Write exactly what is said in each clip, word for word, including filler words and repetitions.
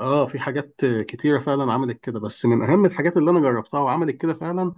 اه، في حاجات كتيرة فعلا عملت كده. بس من أهم الحاجات اللي أنا جربتها وعملت كده فعلا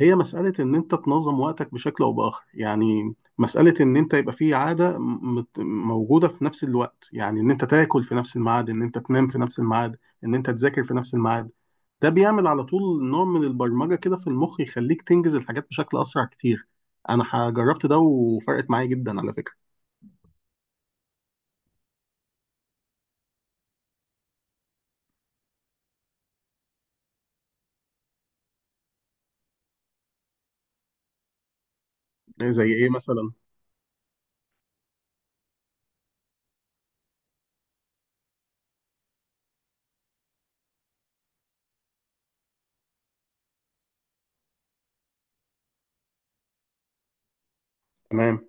هي مسألة إن أنت تنظم وقتك بشكل أو بآخر. يعني مسألة إن أنت يبقى في عادة مت- موجودة في نفس الوقت، يعني إن أنت تاكل في نفس الميعاد، إن أنت تنام في نفس الميعاد، إن أنت تذاكر في نفس الميعاد. ده بيعمل على طول نوع من البرمجة كده في المخ، يخليك تنجز الحاجات بشكل أسرع كتير. أنا ح- جربت ده وفرقت معايا جدا على فكرة. زي إيه مثلا؟ تمام.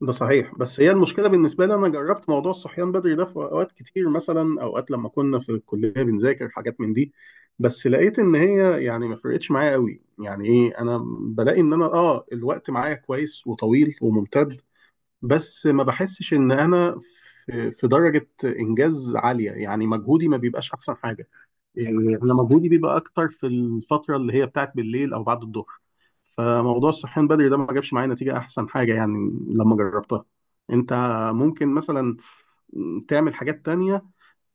ده صحيح، بس هي المشكله بالنسبه لي، انا جربت موضوع الصحيان بدري ده في اوقات كتير. مثلا اوقات لما كنا في الكليه بنذاكر حاجات من دي، بس لقيت ان هي يعني ما فرقتش معايا قوي. يعني ايه، انا بلاقي ان انا اه الوقت معايا كويس وطويل وممتد، بس ما بحسش ان انا في في درجه انجاز عاليه، يعني مجهودي ما بيبقاش احسن حاجه. يعني انا مجهودي بيبقى اكتر في الفتره اللي هي بتاعت بالليل او بعد الظهر. فموضوع الصحيان بدري ده ما جابش معايا نتيجه احسن حاجه يعني، لما جربتها. انت ممكن مثلا تعمل حاجات تانية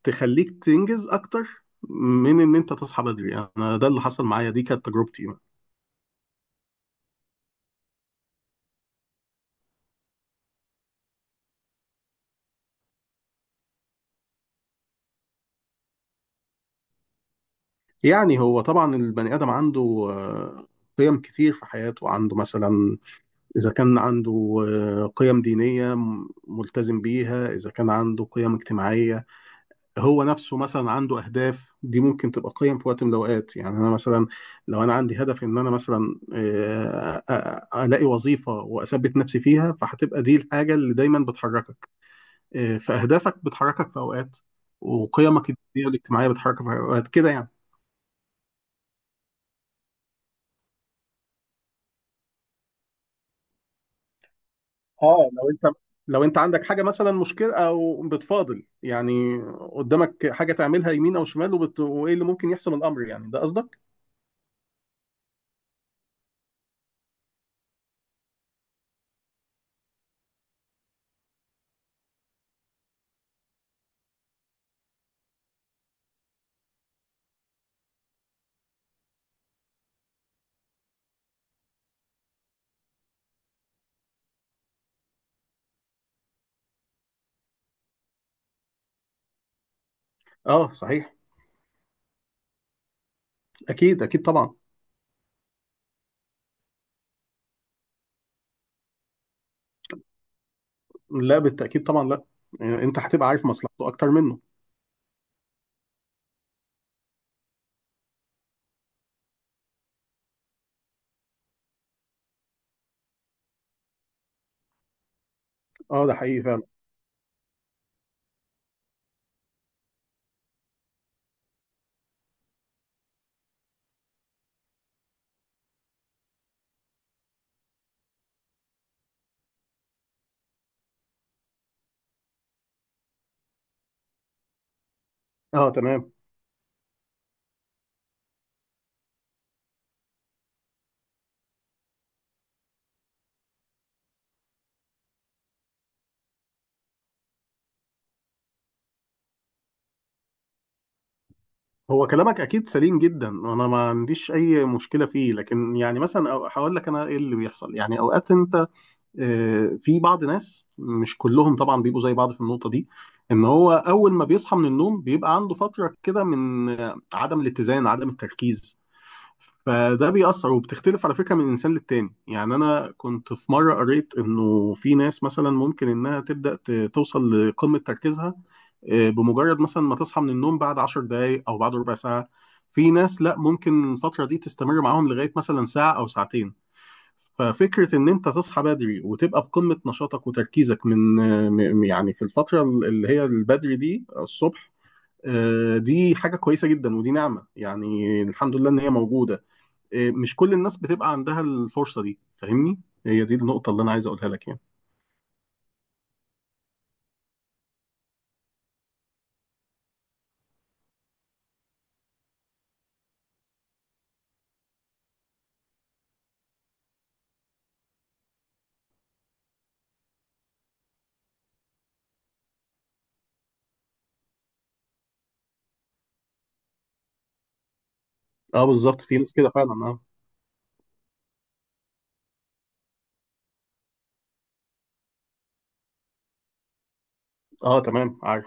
تخليك تنجز اكتر من ان انت تصحى بدري. انا ده اللي حصل معايا، دي كانت تجربتي. يعني هو طبعا البني ادم عنده آه، قيم كتير في حياته. عنده مثلا اذا كان عنده آه، قيم دينيه ملتزم بيها، اذا كان عنده قيم اجتماعيه، هو نفسه مثلا عنده اهداف. دي ممكن تبقى قيم في وقت من الاوقات. يعني انا مثلا، لو انا عندي هدف ان انا مثلا آه، أ- أ- الاقي وظيفه واثبت نفسي فيها، فهتبقى دي الحاجه اللي دايما بتحركك. آه، فاهدافك بتحركك في اوقات، وقيمك الدينيه والاجتماعيه بتحركك في اوقات كده يعني. اه، لو انت لو انت عندك حاجه مثلا مشكله او بتفاضل، يعني قدامك حاجه تعملها يمين او شمال وبت... وايه اللي ممكن يحسم الامر، يعني ده قصدك؟ اه صحيح. اكيد اكيد طبعا. لا بالتأكيد طبعا، لا. يعني انت هتبقى عارف مصلحته اكتر منه. اه ده حقيقي فعلا. اه تمام. هو كلامك اكيد سليم جدا، انا ما عنديش اي مشكله فيه. لكن يعني مثلا أو- هقول لك انا ايه اللي بيحصل. يعني اوقات انت آه، في بعض ناس، مش كلهم طبعا، بيبقوا زي بعض في النقطه دي، ان هو اول ما بيصحى من النوم بيبقى عنده فتره كده من آه، عدم الاتزان، عدم التركيز. فده بيأثر، وبتختلف على فكرة من إنسان للتاني. يعني أنا كنت في مرة قريت إنه في ناس مثلا ممكن إنها تبدأ ت- توصل لقمة تركيزها آه، بمجرد مثلا ما تصحى من النوم بعد عشر دقايق أو بعد ربع ساعة. في ناس لأ، ممكن الفترة دي تستمر معاهم لغاية مثلا ساعة أو ساعتين. ففكرة إن أنت تصحى بدري وتبقى بقمة نشاطك وتركيزك من آه، م- يعني في الفترة اللي هي البدري دي الصبح، آه، دي حاجة كويسة جدا، ودي نعمة يعني، الحمد لله إن هي موجودة. آه، مش كل الناس بتبقى عندها الفرصة دي، فاهمني؟ هي دي النقطة اللي انا عايز اقولها لك يعني. اه بالظبط، في ناس كده فعلا، اه. اه تمام، عارف.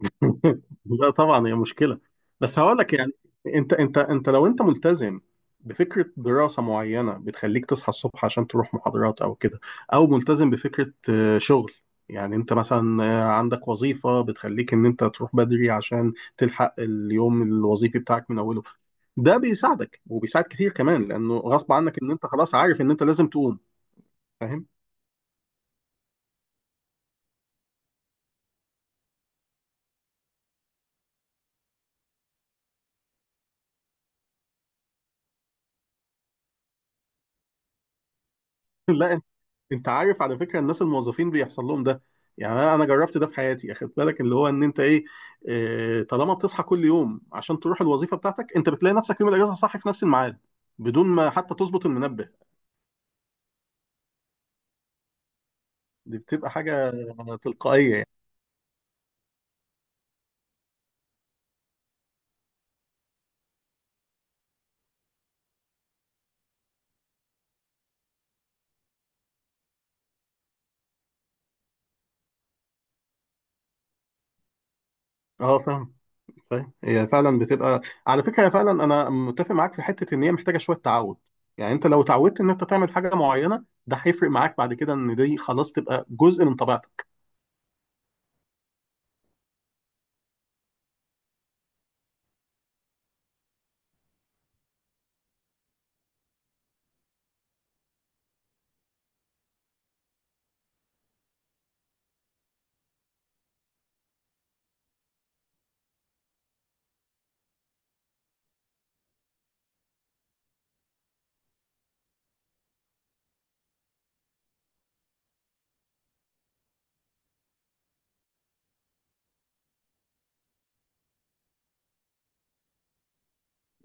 لا طبعا، هي مشكله. بس هقول لك يعني، انت انت انت لو انت ملتزم بفكره دراسه معينه بتخليك تصحى الصبح عشان تروح محاضرات او كده، او ملتزم بفكره آه، شغل، يعني انت مثلا آه، عندك وظيفه بتخليك ان انت تروح بدري عشان تلحق اليوم الوظيفي بتاعك من اوله. ده بيساعدك، وبيساعد كتير كمان، لانه غصب عنك ان انت خلاص عارف ان انت لازم تقوم. لا، انت انت عارف على فكره، الناس الموظفين بيحصل لهم ده. يعني انا أنا جربت ده في حياتي. اخد بالك اللي هو ان انت ايه، آه، طالما بتصحى كل يوم عشان تروح الوظيفه بتاعتك، انت بتلاقي نفسك يوم الاجازه صاحي في نفس الميعاد بدون ما حتى تظبط المنبه. دي بتبقى حاجه تلقائيه يعني. اه فاهم، فاهم. هي فعلا بتبقى، على فكره هي فعلا انا متفق معاك في حته، ان هي محتاجه شويه تعود. يعني انت لو اتعودت ان انت تعمل حاجه معينه، ده هيفرق معاك بعد كده، ان دي خلاص تبقى جزء من طبيعتك.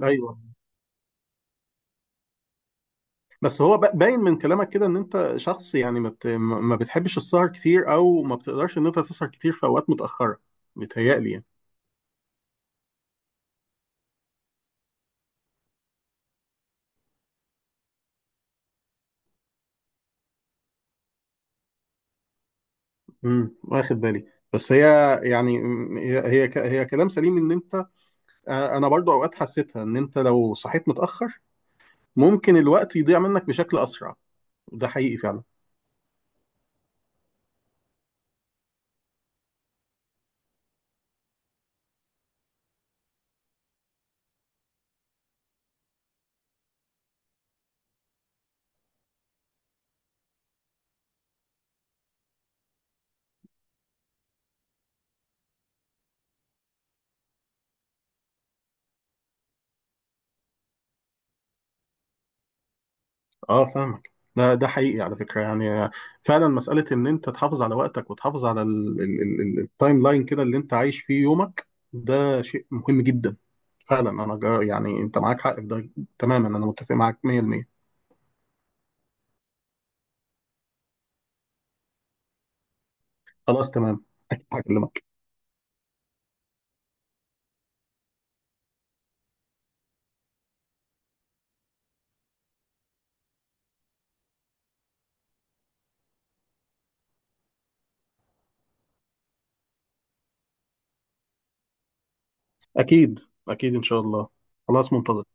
ايوه. بس هو ب- باين من كلامك كده ان انت شخص يعني ما بت- ما ما بتحبش السهر كتير، او ما بتقدرش ان انت تسهر كتير في اوقات متاخره، بيتهيألي يعني. امم واخد بالي. بس هي يعني أمم، هي هي ك- هي كلام سليم، ان انت آه، انا برضو اوقات حسيتها ان انت لو صحيت متاخر ممكن الوقت يضيع منك بشكل اسرع. ده حقيقي فعلا. اه فاهمك، ده ده حقيقي على فكره يعني. فعلا مساله ان انت تحافظ على وقتك وتحافظ على ال- ال- ال- التايم لاين كده اللي انت عايش فيه يومك، ده شيء مهم جدا فعلا. انا جا يعني انت معاك حق في ده تماما، انا متفق معاك مية في المية. خلاص تمام، اكيد هكلمك. اكيد اكيد ان شاء الله. خلاص منتظر.